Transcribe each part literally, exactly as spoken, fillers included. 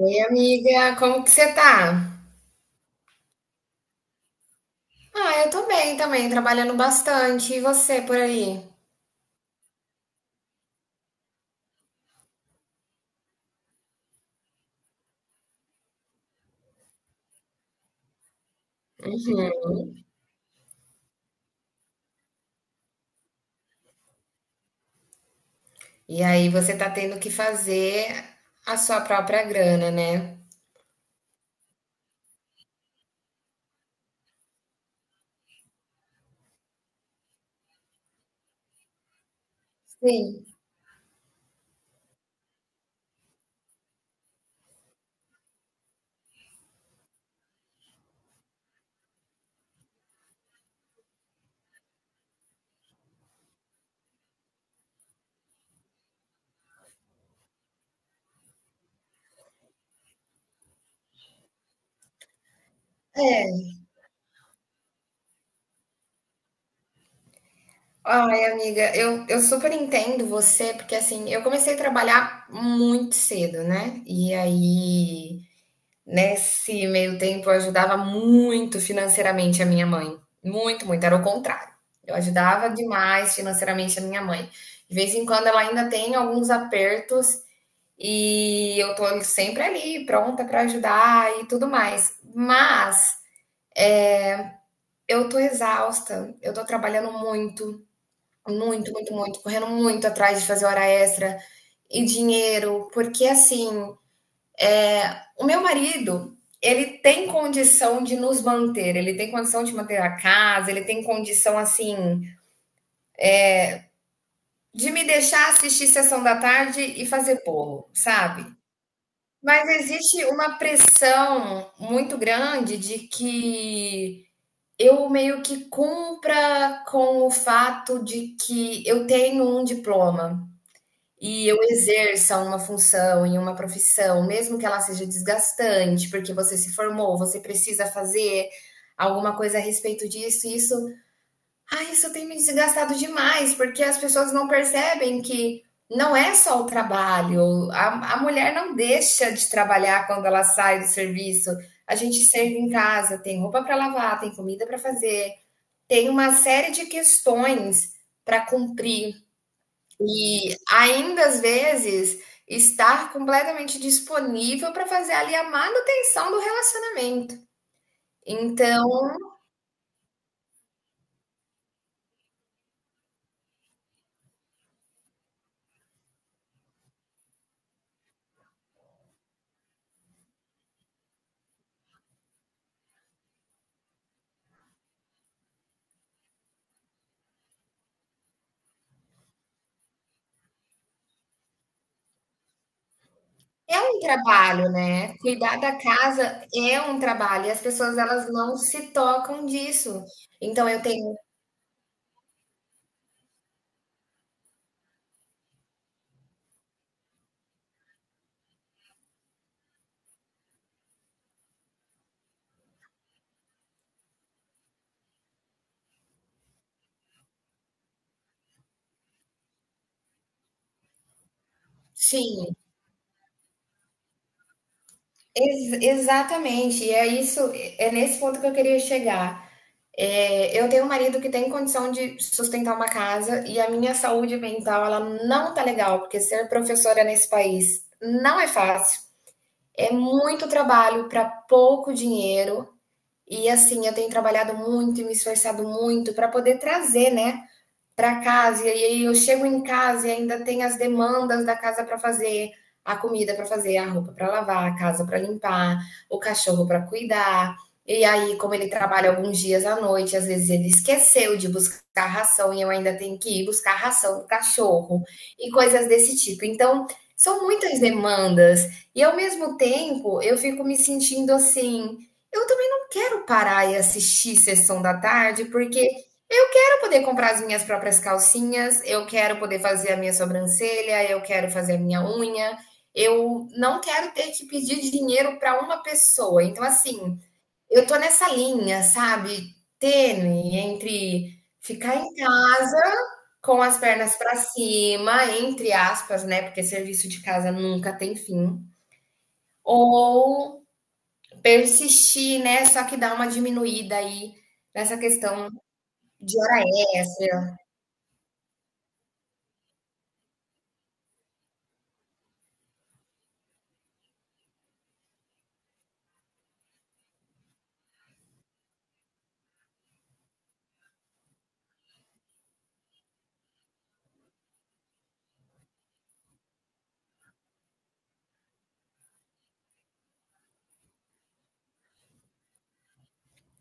Oi, amiga, como que você tá? Ah, eu tô bem também, trabalhando bastante. E você por aí? Uhum. E aí você tá tendo que fazer a sua própria grana, né? Sim. É. Ai, amiga, eu, eu super entendo você, porque assim, eu comecei a trabalhar muito cedo, né? E aí nesse meio tempo, eu ajudava muito financeiramente a minha mãe, muito, muito, era o contrário. Eu ajudava demais financeiramente a minha mãe. De vez em quando ela ainda tem alguns apertos e eu tô sempre ali, pronta para ajudar e tudo mais. Mas eu tô exausta, eu tô trabalhando muito, muito, muito, muito, correndo muito atrás de fazer hora extra e dinheiro, porque assim, o meu marido, ele tem condição de nos manter, ele tem condição de manter a casa, ele tem condição, assim, de me deixar assistir Sessão da Tarde e fazer bolo, sabe. Mas existe uma pressão muito grande de que eu meio que cumpra com o fato de que eu tenho um diploma. E eu exerça uma função em uma profissão, mesmo que ela seja desgastante, porque você se formou, você precisa fazer alguma coisa a respeito disso, e isso, ah, isso tem me desgastado demais, porque as pessoas não percebem que não é só o trabalho, a, a mulher não deixa de trabalhar quando ela sai do serviço. A gente serve em casa, tem roupa para lavar, tem comida para fazer, tem uma série de questões para cumprir. E ainda às vezes estar completamente disponível para fazer ali a manutenção do relacionamento. Então, é um trabalho, né, cuidar da casa é um trabalho e as pessoas elas não se tocam disso. Então eu tenho sim, ex exatamente, e é isso, é nesse ponto que eu queria chegar. É, eu tenho um marido que tem condição de sustentar uma casa e a minha saúde mental, ela não tá legal, porque ser professora nesse país não é fácil. É muito trabalho para pouco dinheiro. E assim, eu tenho trabalhado muito e me esforçado muito para poder trazer, né, para casa, e aí eu chego em casa e ainda tem as demandas da casa para fazer, a comida para fazer, a roupa para lavar, a casa para limpar, o cachorro para cuidar. E aí, como ele trabalha alguns dias à noite, às vezes ele esqueceu de buscar ração e eu ainda tenho que ir buscar ração do cachorro e coisas desse tipo. Então, são muitas demandas e ao mesmo tempo eu fico me sentindo assim, eu também não quero parar e assistir sessão da tarde porque eu quero poder comprar as minhas próprias calcinhas, eu quero poder fazer a minha sobrancelha, eu quero fazer a minha unha. Eu não quero ter que pedir dinheiro para uma pessoa. Então, assim, eu tô nessa linha, sabe, tênue entre ficar em casa com as pernas para cima, entre aspas, né, porque serviço de casa nunca tem fim, ou persistir, né, só que dá uma diminuída aí nessa questão de hora extra.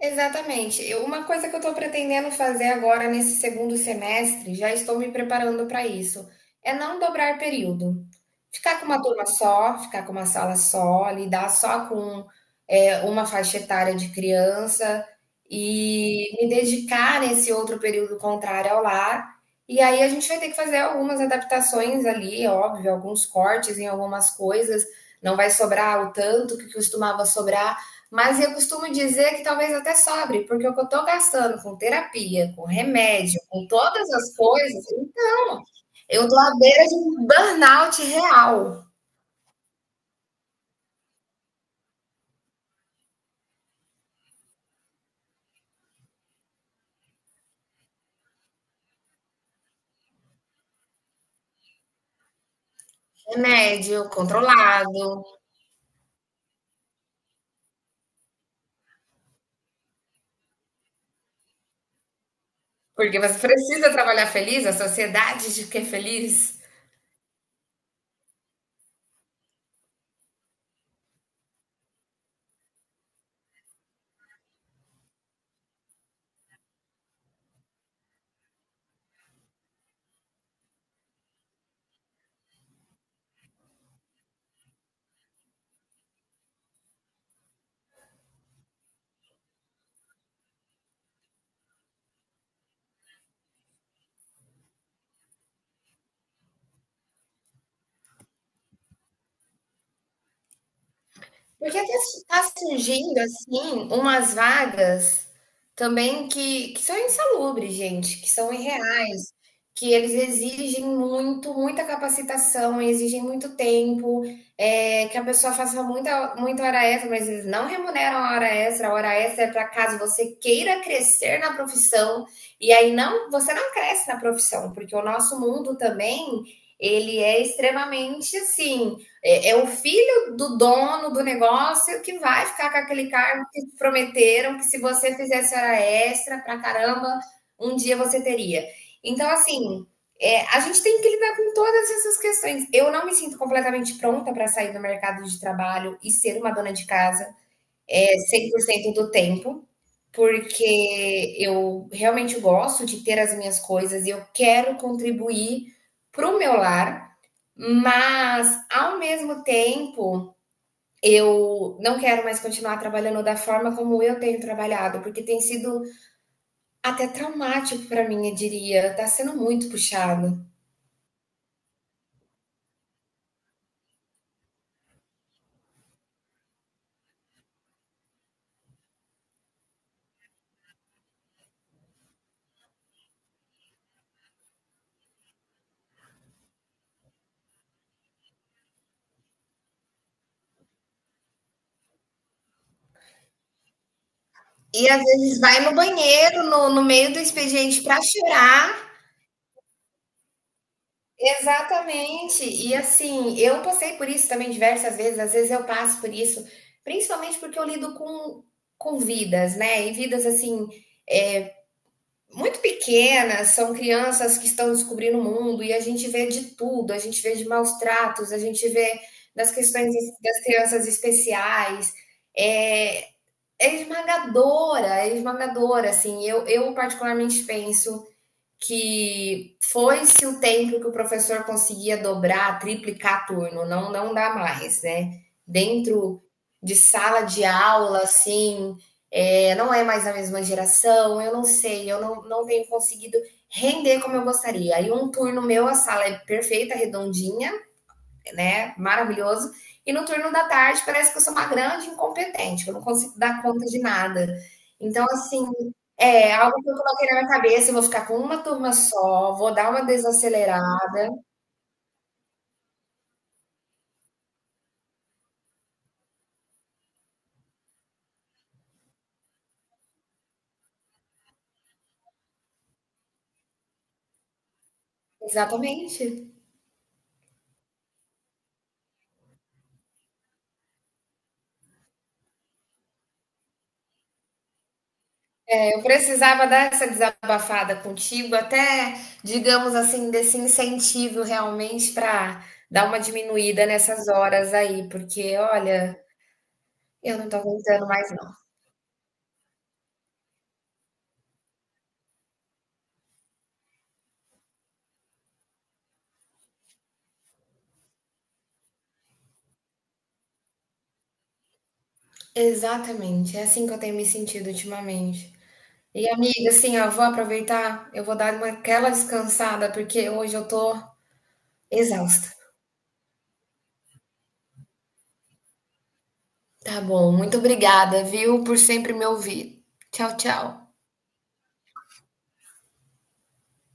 Exatamente. Eu- Uma coisa que eu estou pretendendo fazer agora nesse segundo semestre, já estou me preparando para isso, é não dobrar período. Ficar com uma turma só, ficar com uma sala só, lidar só com é, uma faixa etária de criança e me dedicar nesse outro período contrário ao lar. E aí a gente vai ter que fazer algumas adaptações ali, óbvio, alguns cortes em algumas coisas. Não vai sobrar o tanto que costumava sobrar, mas eu costumo dizer que talvez até sobre, porque o que eu estou gastando com terapia, com remédio, com todas as coisas, então, eu estou à beira de um burnout real. Remédio controlado, porque você precisa trabalhar feliz, a sociedade de que é feliz. Porque está surgindo, assim, umas vagas também que, que são insalubres, gente, que são irreais, que eles exigem muito, muita capacitação, exigem muito tempo, é, que a pessoa faça muita, muita hora extra, mas eles não remuneram a hora extra. A hora extra é para caso você queira crescer na profissão, e aí não, você não cresce na profissão, porque o nosso mundo também, ele é extremamente, assim, é, é, o filho do dono do negócio que vai ficar com aquele cargo que te prometeram que se você fizesse hora extra pra caramba, um dia você teria. Então, assim, é, a gente tem que lidar com todas essas questões. Eu não me sinto completamente pronta para sair do mercado de trabalho e ser uma dona de casa é, cem por cento do tempo, porque eu realmente gosto de ter as minhas coisas e eu quero contribuir para o meu lar, mas ao mesmo tempo eu não quero mais continuar trabalhando da forma como eu tenho trabalhado, porque tem sido até traumático para mim, eu diria. Tá sendo muito puxado. E às vezes vai no banheiro, no, no meio do expediente, para chorar. Exatamente. E assim, eu passei por isso também diversas vezes, às vezes eu passo por isso, principalmente porque eu lido com, com vidas, né? E vidas assim muito pequenas, são crianças que estão descobrindo o mundo e a gente vê de tudo, a gente vê de maus tratos, a gente vê das questões das crianças especiais. É, é esmagadora, é esmagadora, assim. Eu, eu particularmente penso que foi-se o tempo que o professor conseguia dobrar, triplicar turno, não, não dá mais, né? Dentro de sala de aula, assim, é, não é mais a mesma geração, eu não sei, eu não, não tenho conseguido render como eu gostaria. Aí um turno meu, a sala é perfeita, redondinha, né, maravilhoso. E no turno da tarde parece que eu sou uma grande incompetente, que eu não consigo dar conta de nada. Então, assim, é algo que eu coloquei na minha cabeça, eu vou ficar com uma turma só, vou dar uma desacelerada. Exatamente. É, eu precisava dar essa desabafada contigo, até, digamos assim, desse incentivo realmente para dar uma diminuída nessas horas aí, porque olha, eu não tô aguentando mais não. Exatamente, é assim que eu tenho me sentido ultimamente. E amiga, assim, ó, vou aproveitar, eu vou dar uma, aquela descansada, porque hoje eu tô exausta. Tá bom, muito obrigada, viu, por sempre me ouvir. Tchau, tchau.